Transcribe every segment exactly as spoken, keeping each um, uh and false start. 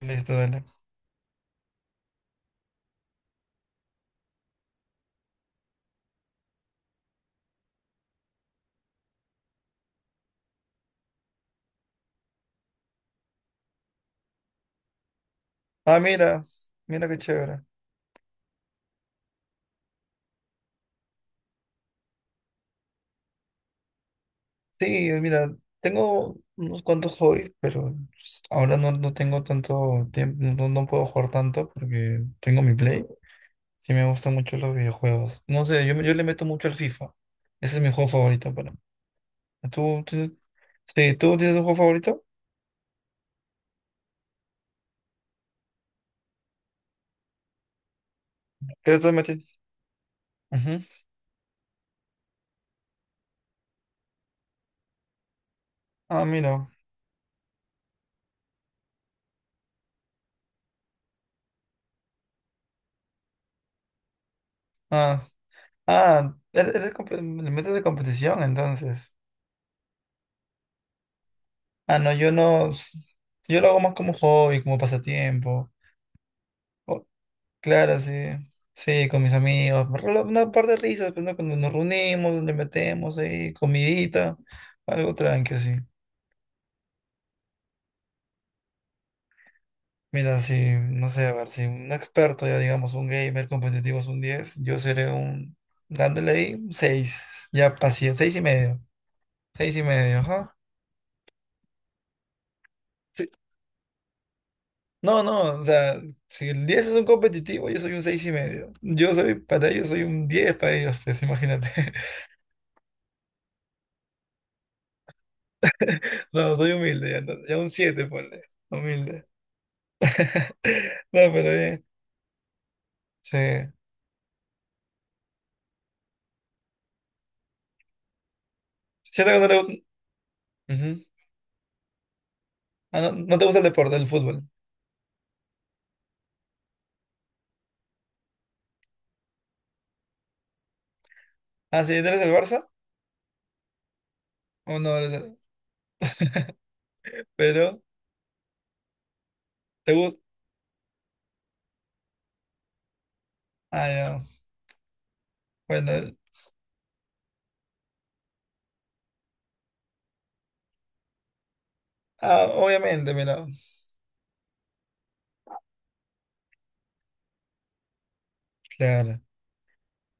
Listo, dale. Ah, mira, mira qué chévere. Sí, eh, mira, tengo unos cuantos hobbies, pero s- ahora no, no tengo tanto tiempo, no, no puedo jugar tanto porque tengo mi Play. Sí, me gustan mucho los videojuegos. No sé, yo, me- yo le meto mucho al FIFA. Ese es mi juego favorito para mí. ¿Tú, tienes- sí, ¿tú tienes un juego favorito? ¿Qué le estás metiendo? Ujú. Ah, mira. Ah, ah, eres, eres compe- le metes de competición entonces. Ah, no, yo no. s- Yo lo hago más como hobby, como pasatiempo. O- claro, sí. Sí, con mis amigos. por lo- Una par de risas, pues, ¿no? Cuando nos reunimos, le metemos ahí, comidita, algo tranqui, así. Mira, si, no sé, a ver, si un experto, ya digamos, un gamer competitivo es un diez, yo seré un, dándole ahí un seis, ya paciente, seis y medio, seis y medio, ajá. Sí, no, no, o sea, si el diez es un competitivo, yo soy un seis y medio. Yo soy, para ellos soy un diez para ellos, pues imagínate. No, soy humilde, ya, no- ya un siete, ponle. Humilde. No, pero bien. Sí. Siento que no le gu- Ujú. Ah, no, no te gusta el deporte, el fútbol. Ah, sí, ¿tú eres el Barça? O no eres el... Pero, ¿te gusta? Ah, ya. Bueno, el- ah, obviamente, mira. Claro.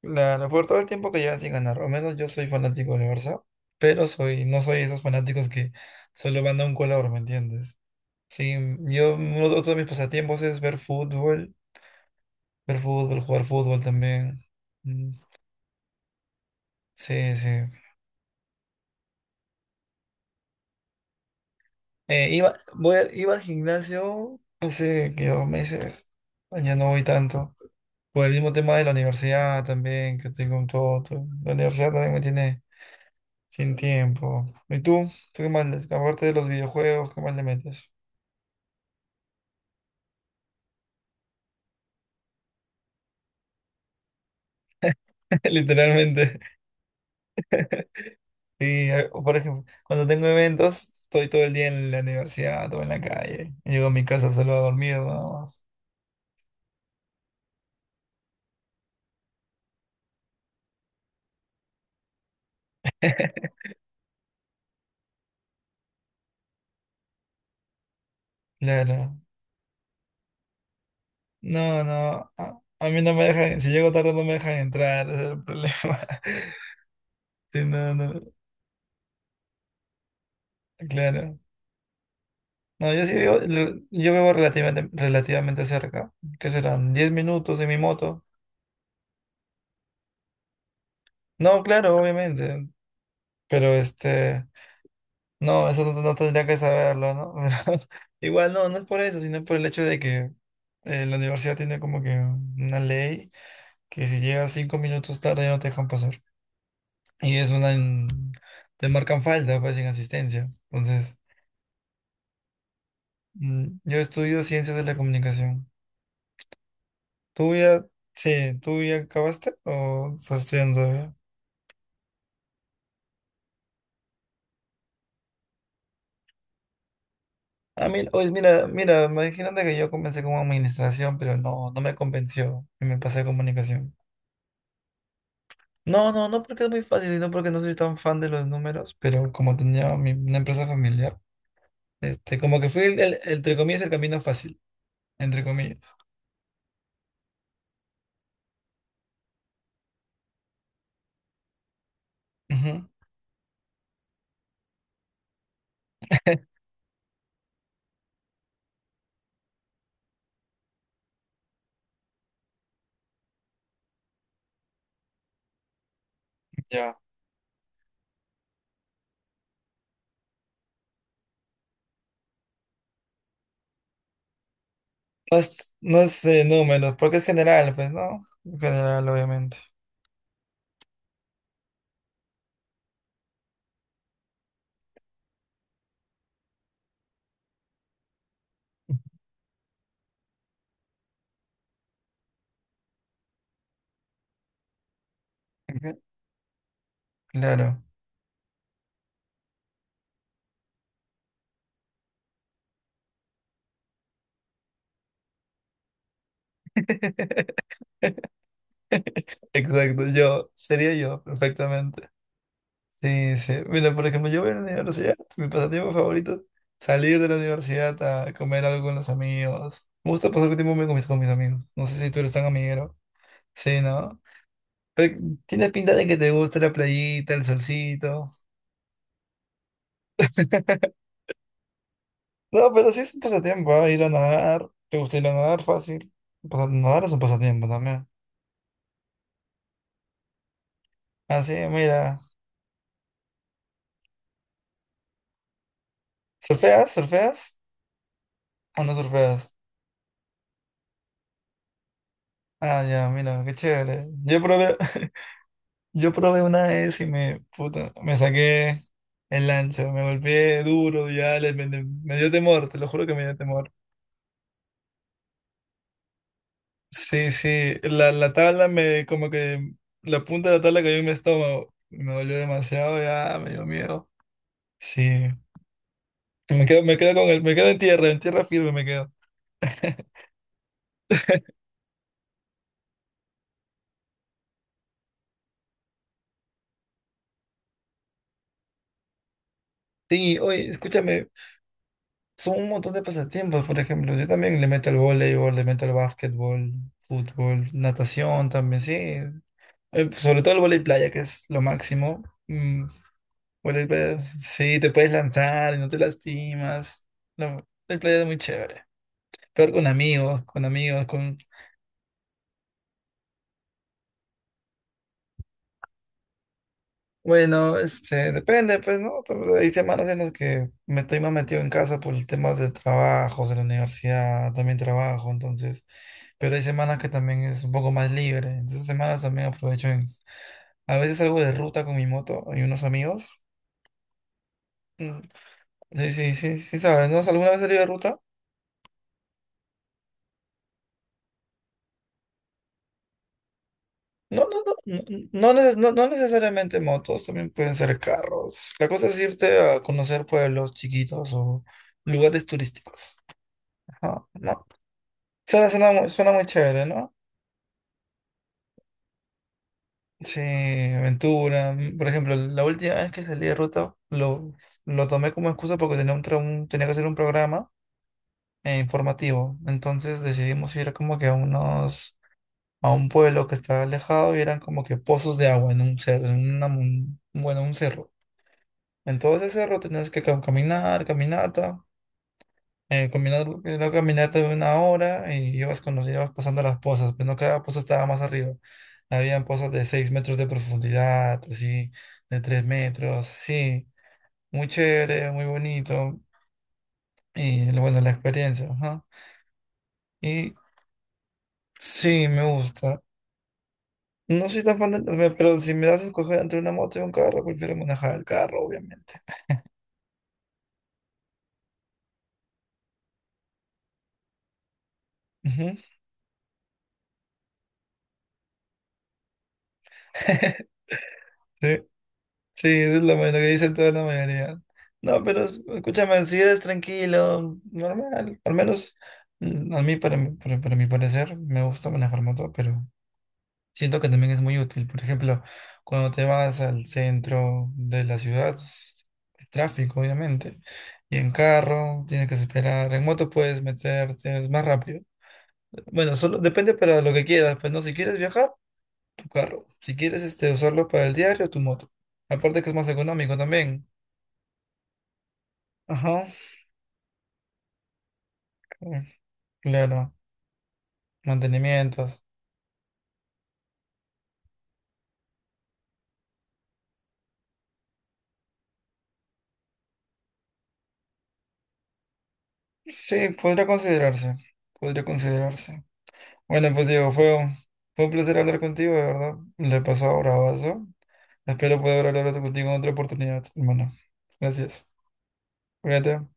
Claro, por todo el tiempo que llevan sin ganar, al menos yo soy fanático del Barça, pero soy, no soy esos fanáticos que solo van a un color, ¿me entiendes? Sí, yo, uno, otro de mis pasatiempos es ver fútbol, ver fútbol, jugar fútbol también. Mm, sí, sí. Eh, iba, voy al- iba al gimnasio hace que dos meses, ya no voy tanto. Por el mismo tema de la universidad también, que tengo un todo, todo- La universidad también me tiene sin tiempo. ¿Y tú? ¿Tú qué más les? Aparte de los videojuegos, ¿qué más le metes? Literalmente. Sí, a- o por ejemplo, cuando tengo eventos, estoy todo el día en la universidad o en la calle. Llego a mi casa solo a dormir, nada más. Claro. No, no. A, a mí no me dejan, si llego tarde no me dejan entrar, ese es el problema. Sí, no, no. Claro. No, yo sí vivo, lo- yo vivo relativamente, relativamente cerca. ¿Qué serán? ¿Diez minutos en mi moto? No, claro, obviamente. Pero este. No, eso no, no tendría que saberlo, ¿no? Pero igual no, no es por eso, sino por el hecho de que eh, la universidad tiene como que una ley que si llegas cinco minutos tarde no te dejan pasar. Y es una... en- te marcan falta, pues, sin asistencia. Entonces, mm, yo estudio ciencias de la comunicación. ¿Tú ya, sí, ¿tú ya acabaste o estás estudiando todavía? Ah, mira, oye, mira, mira, imagínate que yo comencé como administración, pero no, no me convenció y me pasé a comunicación. No, no, no porque es muy fácil, sino porque no soy tan fan de los números, pero como tenía mi- una empresa familiar, este, como que fue el, el- entre comillas, el camino fácil, entre comillas. Ujú, ya. No es, no es, eh, números, porque es general, pues, ¿no? General, obviamente. Ujú. Claro. Exacto, yo, sería yo, perfectamente. Sí, sí. Mira, por ejemplo, yo voy a la universidad, mi pasatiempo favorito, salir de la universidad a comer algo con los amigos. Me gusta pasar tiempo con mis, con mis amigos. No sé si tú eres tan amiguero. Sí, ¿no? Pero tienes pinta de que te gusta la playita, el solcito. No, pero sí es un pasatiempo, ¿ah? Ir a nadar. ¿Te gusta ir a nadar fácil? Pasa- Nadar es un pasatiempo también. Ah, sí, mira. ¿Surfeas? ¿Surfeas? ¿O no surfeas? Ah, ya, mira, qué chévere. Yo probé, yo probé una vez y me, puta, me saqué el ancho, me golpeé duro, ya le- me, me dio temor, te lo juro que me dio temor. Sí, sí, la, la tabla me, como que la punta de la tabla cayó en mi estómago, me dolió demasiado, ya me dio miedo. Sí, me quedo, me quedo con el, me quedo en tierra, en tierra firme me quedo. Sí, oye, escúchame, son un montón de pasatiempos, por ejemplo, yo también le meto al voleibol, le meto al básquetbol, fútbol, natación también, sí. Eh, sobre todo el voleibol playa, que es lo máximo. Mm, voleibol playa, sí, te puedes lanzar y no te lastimas. No, el playa es muy chévere. Peor con amigos, con amigos, con... Bueno, este, depende, pues, ¿no? Hay semanas en las que me estoy más metido en casa por el tema de trabajos, de la universidad, también trabajo, entonces... Pero hay semanas que también es un poco más libre. Entonces, semanas también aprovecho en... A veces salgo de ruta con mi moto y unos amigos. Mm, sí, sí, sí, sí, sabes, ¿no? ¿Alguna vez salí de ruta? No, no, no, no, no, neces- no- no necesariamente motos, también pueden ser carros. La cosa es irte a conocer pueblos chiquitos o lugares turísticos. Ajá, ¿no? Suena, suena muy, suena muy chévere, ¿no? Sí, aventura. Mm, por ejemplo, la última vez que salí de ruta lo, lo tomé como excusa porque tenía, un, tra- un- tenía que hacer un programa eh, informativo. Entonces decidimos ir como que a unos, a un pueblo que estaba alejado y eran como que pozos de agua en un cerro, en una, mon- bueno, un cerro. Entonces ese cerro tenías que cam- caminar, caminata, eh, combinar la caminata de una hora y ibas, con ibas pasando las pozas, pero no cada poza estaba más arriba. Habían pozas de seis metros de profundidad, así, de tres metros, sí. Muy chévere, muy bonito. Y bueno, la experiencia, ajá. Y sí, me gusta. No soy tan fan de, pero si me das a escoger entre una moto y un carro, prefiero manejar el carro, obviamente. Ujú. Sí. Sí, eso es lo, lo que dicen toda la mayoría. No, pero es- escúchame, si eres tranquilo, normal. Al menos mm, a mí, para, mi- para, para mi parecer, me gusta manejar moto, pero siento que también es muy útil. Por ejemplo, cuando te vas al centro de la ciudad, el tráfico, obviamente, y en carro, tienes que esperar. En moto puedes meterte, es más rápido. Bueno, solo depende para lo que quieras. Pues no, si quieres viajar, tu carro. Si quieres este, usarlo para el diario, tu moto. Aparte que es más económico también. Ajá, cl- claro, mantenimientos. Sí, podría considerarse, podría considerarse. Bueno, pues Diego, fue un, fue un placer hablar contigo, de verdad. Le he pasado bravazo. Espero poder hablar contigo en otra oportunidad, hermano. Gracias. Cuídate.